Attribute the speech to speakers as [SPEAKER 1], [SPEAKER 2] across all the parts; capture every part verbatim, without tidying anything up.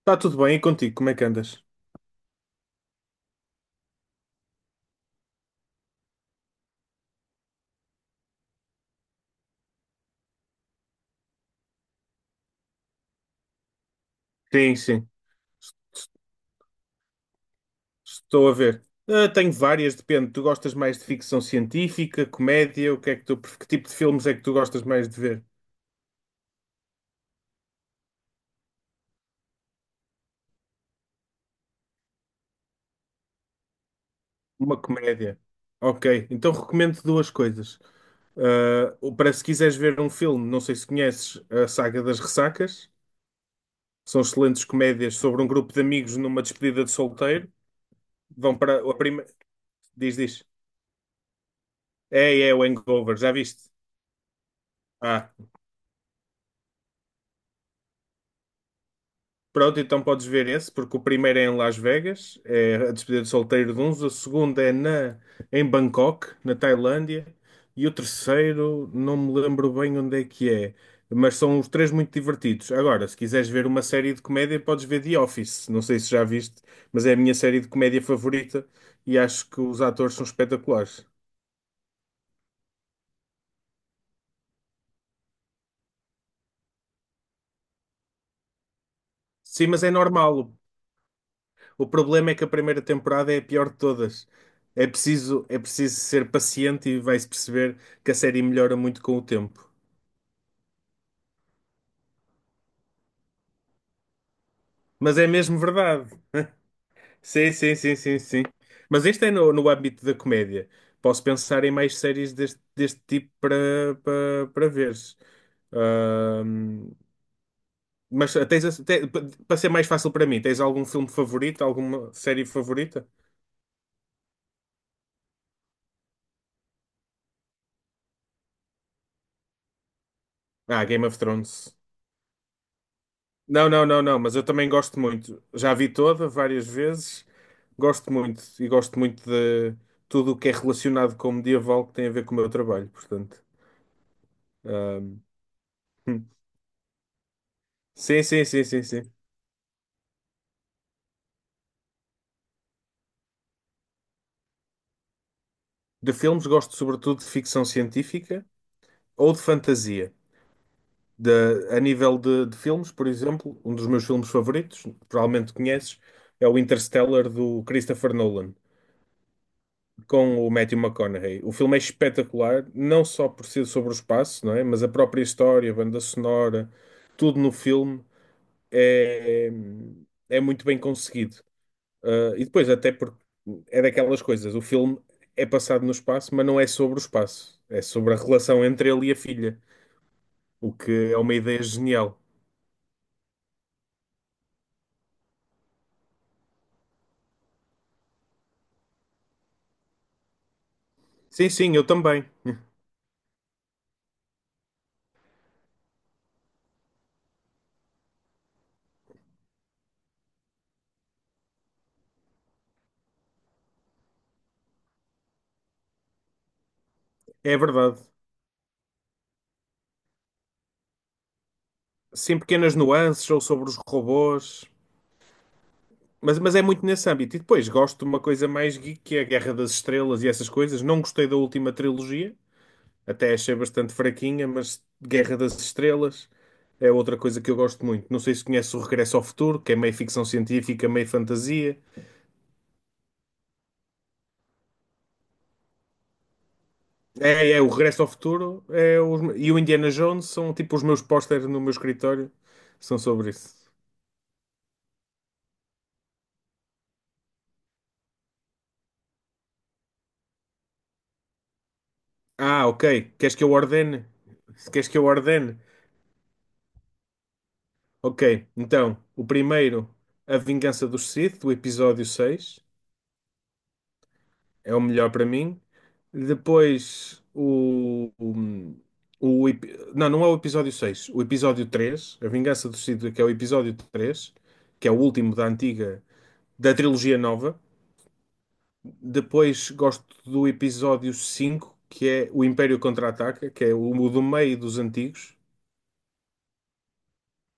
[SPEAKER 1] Está tudo bem, e contigo? Como é que andas? Sim, sim. S- Estou a ver. Ah, tenho várias, depende. Tu gostas mais de ficção científica, comédia? O que é que tu, pref- que tipo de filmes é que tu gostas mais de ver? Uma comédia. Ok, então recomendo duas coisas. Ah, o- para se quiseres ver um filme, não sei se conheces a saga das Ressacas. São excelentes comédias sobre um grupo de amigos numa despedida de solteiro. Vão para a primeira. Diz, diz. É, é o Hangover, já viste? ah Pronto, então podes ver esse, porque o primeiro é em Las Vegas, é a despedida de solteiro de uns, o segundo é na, em Bangkok, na Tailândia, e o terceiro não me lembro bem onde é que é, mas são os três muito divertidos. Agora, se quiseres ver uma série de comédia, podes ver The Office, não sei se já viste, mas é a minha série de comédia favorita e acho que os atores são espetaculares. Sim, mas é normal. O problema é que a primeira temporada é a pior de todas. É preciso, é preciso ser paciente e vai-se perceber que a série melhora muito com o tempo. Mas é mesmo verdade. Sim, sim, sim, sim, sim. Mas este é no, no âmbito da comédia. Posso pensar em mais séries deste, deste tipo para, para, para veres. Ahm, mas tens, te- para ser mais fácil para mim, tens algum filme favorito, alguma série favorita? Ah, Game of Thrones. Não, não, não, não, mas eu também gosto muito. Já a vi toda várias vezes. Gosto muito e gosto muito de tudo o que é relacionado com o medieval que tem a ver com o meu trabalho, portanto. ahm, hum. Sim, sim, sim, sim, sim. De filmes gosto sobretudo de ficção científica ou de fantasia. De, a nível de, de filmes, por exemplo, um dos meus filmes favoritos, provavelmente conheces, é o Interstellar do Christopher Nolan, com o Matthew McConaughey. O filme é espetacular, não só por ser sobre o espaço, não é? Mas a própria história, a banda sonora, tudo no filme é, é muito bem conseguido. Ah, e depois, até porque é daquelas coisas, o filme é passado no espaço, mas não é sobre o espaço, é sobre a relação entre ele e a filha, o que é uma ideia genial. Sim, sim, eu também. É verdade. Sim, pequenas nuances ou sobre os robôs. Mas, mas é muito nesse âmbito. E depois gosto de uma coisa mais geek, que é a Guerra das Estrelas e essas coisas. Não gostei da última trilogia, até achei bastante fraquinha, mas Guerra das Estrelas é outra coisa que eu gosto muito. Não sei se conhece o Regresso ao Futuro, que é meio ficção científica, meio fantasia. É, é o Regresso ao Futuro é os- e o Indiana Jones são tipo os meus pósteres no meu escritório. São sobre isso. Ah, ok. Queres que eu ordene? Queres que eu ordene? Ok, então, o primeiro, A Vingança dos Sith, do episódio seis, é o melhor para mim. Depois, o, o, o epi- Não, não é o episódio seis, o episódio três, A Vingança dos Sith, que é o episódio três, que é o último da antiga, da trilogia nova. Depois, gosto do episódio cinco, que é o Império Contra-Ataca, que é o, o, do meio dos antigos.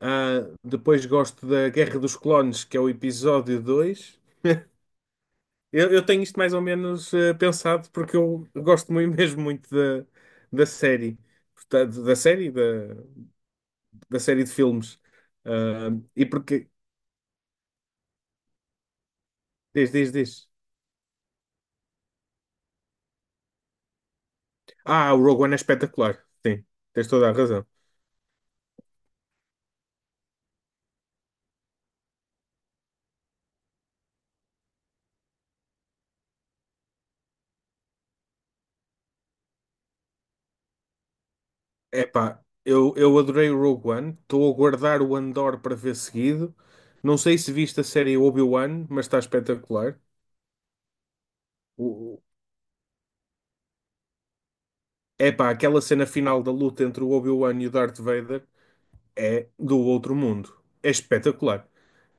[SPEAKER 1] Ah, depois gosto da Guerra dos Clones, que é o episódio dois. Eu, eu tenho isto mais ou menos eh, pensado porque eu gosto mui- mesmo muito da, da série, portanto, da série, da, da série de filmes. Ah, e porque, diz, diz, diz. Ah, o Rogue One é espetacular. Sim, tens toda a razão. Epá, eu, eu adorei o Rogue One, estou a guardar o Andor para ver seguido. Não sei se viste a série Obi-Wan, mas está espetacular. O, Epá, aquela cena final da luta entre o Obi-Wan e o Darth Vader é do outro mundo. É espetacular.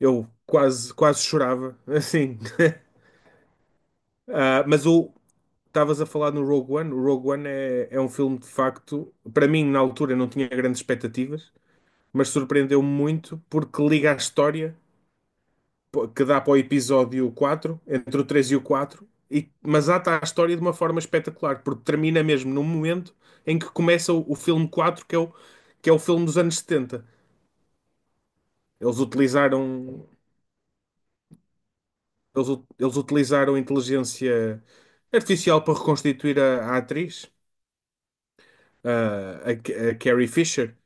[SPEAKER 1] Eu quase, quase chorava, assim. Ah, mas o estavas a falar no Rogue One. O Rogue One é, é um filme de facto, para mim, na altura, não tinha grandes expectativas, mas surpreendeu-me muito porque liga a história pô, que dá para o episódio quatro entre o três e o quatro e, mas ata a história de uma forma espetacular, porque termina mesmo no momento em que começa o, o filme quatro que é o, que é o filme dos anos setenta. Eles utilizaram Eles, u- eles utilizaram inteligência artificial para reconstituir a, a atriz, a, a Ca- a Carrie Fisher,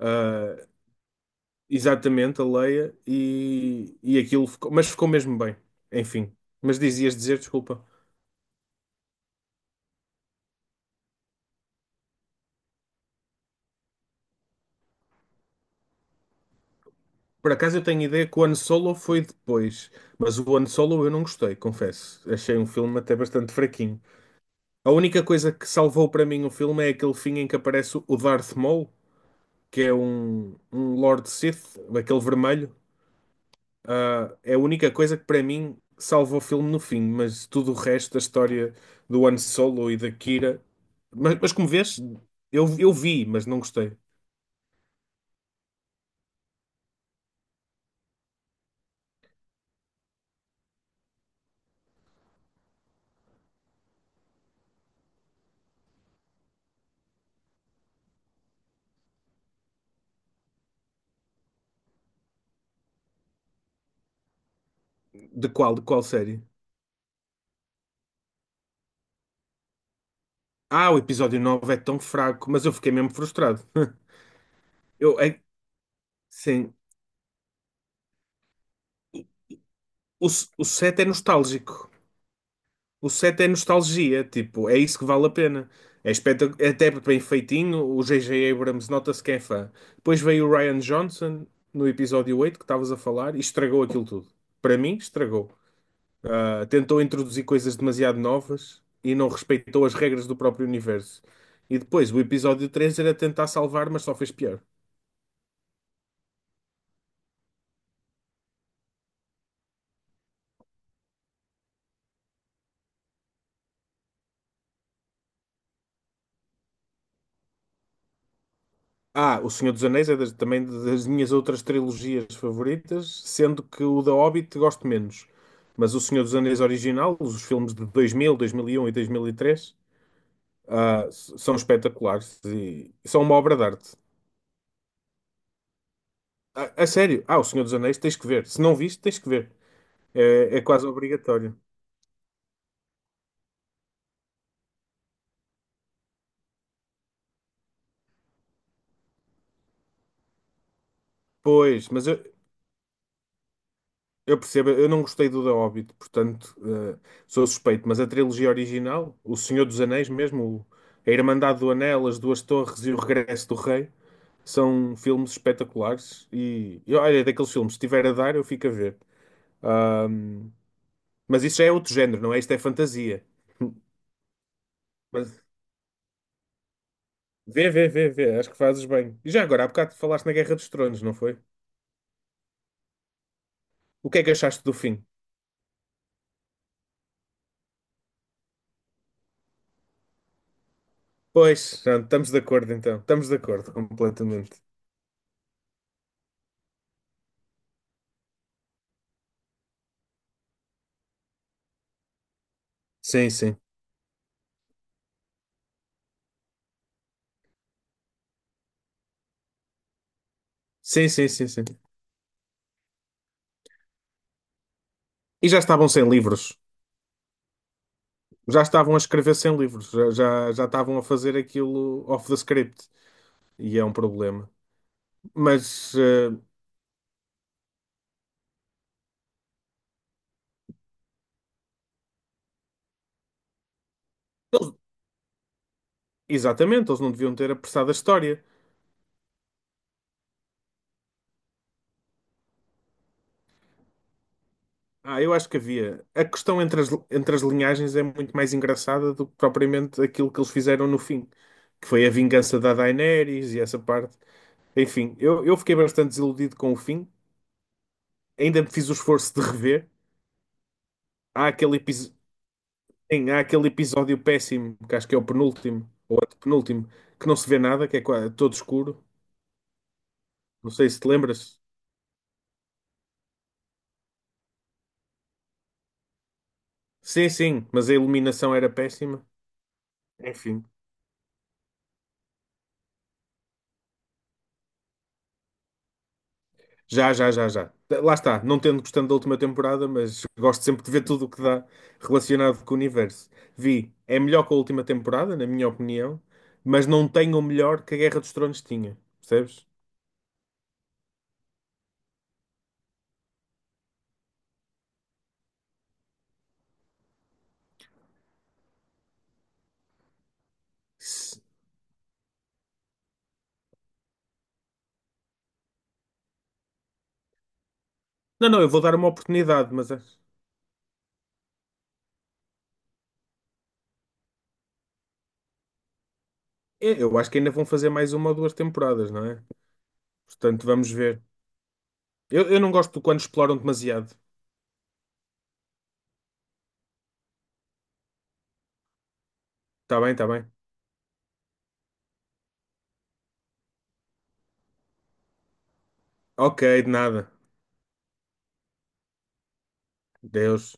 [SPEAKER 1] ah, exatamente, a Leia, e, e aquilo ficou, mas ficou mesmo bem, enfim. Mas dizias dizer, desculpa. Por acaso eu tenho ideia que o Han Solo foi depois, mas o Han Solo eu não gostei, confesso. Achei um filme até bastante fraquinho. A única coisa que salvou para mim o filme é aquele fim em que aparece o Darth Maul, que é um, um Lord Sith, aquele vermelho. Ah, é a única coisa que para mim salvou o filme no fim, mas tudo o resto da história do Han Solo e da Kira. Mas, mas como vês, eu, eu vi, mas não gostei. De qual, de qual série? Ah, o episódio nove é tão fraco, mas eu fiquei mesmo frustrado. Eu, é, sim, o, s- o sete é nostálgico. O sete é nostalgia, tipo, é isso que vale a pena. É espetac... é até bem feitinho, o J J Abrams nota-se que é fã. Depois veio o Ryan Johnson no episódio oito que estavas a falar e estragou aquilo tudo. Para mim, estragou. Ah, tentou introduzir coisas demasiado novas e não respeitou as regras do próprio universo. E depois o episódio três era tentar salvar, mas só fez pior. Ah, O Senhor dos Anéis é das- também das minhas outras trilogias favoritas, sendo que o da Hobbit gosto menos. Mas o Senhor dos Anéis original, os filmes de dois mil, dois mil e um e dois mil e três, ah, s- são espetaculares e são uma obra de arte. A, a sério, ah, O Senhor dos Anéis tens que ver. Se não viste, tens que ver. É, é quase obrigatório. Pois, mas eu, Eu percebo, eu não gostei do The Hobbit, portanto, eh, sou suspeito, mas a trilogia original, O Senhor dos Anéis mesmo, o- A Irmandade do Anel, As Duas Torres e O Regresso do Rei, são filmes espetaculares e, e olha, é daqueles filmes, se tiver a dar, eu fico a ver. Ahm, mas isso já é outro género, não é? Isto é fantasia. Mas vê, vê, vê, vê, acho que fazes bem. E já agora, há bocado falaste na Guerra dos Tronos, não foi? O que é que achaste do fim? Pois, pronto, estamos de acordo então, estamos de acordo completamente. Sim, sim. Sim, sim, sim, sim. E já estavam sem livros. Já estavam a escrever sem livros. Já, já, já estavam a fazer aquilo off the script. E é um problema. Mas, eh, eles- exatamente, eles não deviam ter apressado a história. Ah, eu acho que havia. A questão entre as, entre as linhagens é muito mais engraçada do que propriamente aquilo que eles fizeram no fim, que foi a vingança da Daenerys e essa parte. Enfim, eu, eu fiquei bastante desiludido com o fim. Ainda fiz o esforço de rever. Há aquele episódio. Sim, há aquele episódio péssimo, que acho que é o penúltimo, ou antepenúltimo, que não se vê nada, que é qua- todo escuro. Não sei se te lembras. Sim, sim, mas a iluminação era péssima. Enfim, já, já, já, já. Lá está, não tendo gostando da última temporada, mas gosto sempre de ver tudo o que dá relacionado com o universo. Vi, é melhor que a última temporada, na minha opinião, mas não tem o melhor que a Guerra dos Tronos tinha, percebes? Se- Não, não, eu vou dar uma oportunidade, mas acho- eu eu acho que ainda vão fazer mais uma ou duas temporadas, não é? Portanto, vamos ver. Eu, eu não gosto de quando exploram demasiado. Tá bem, tá bem. Ok, de nada. Deus.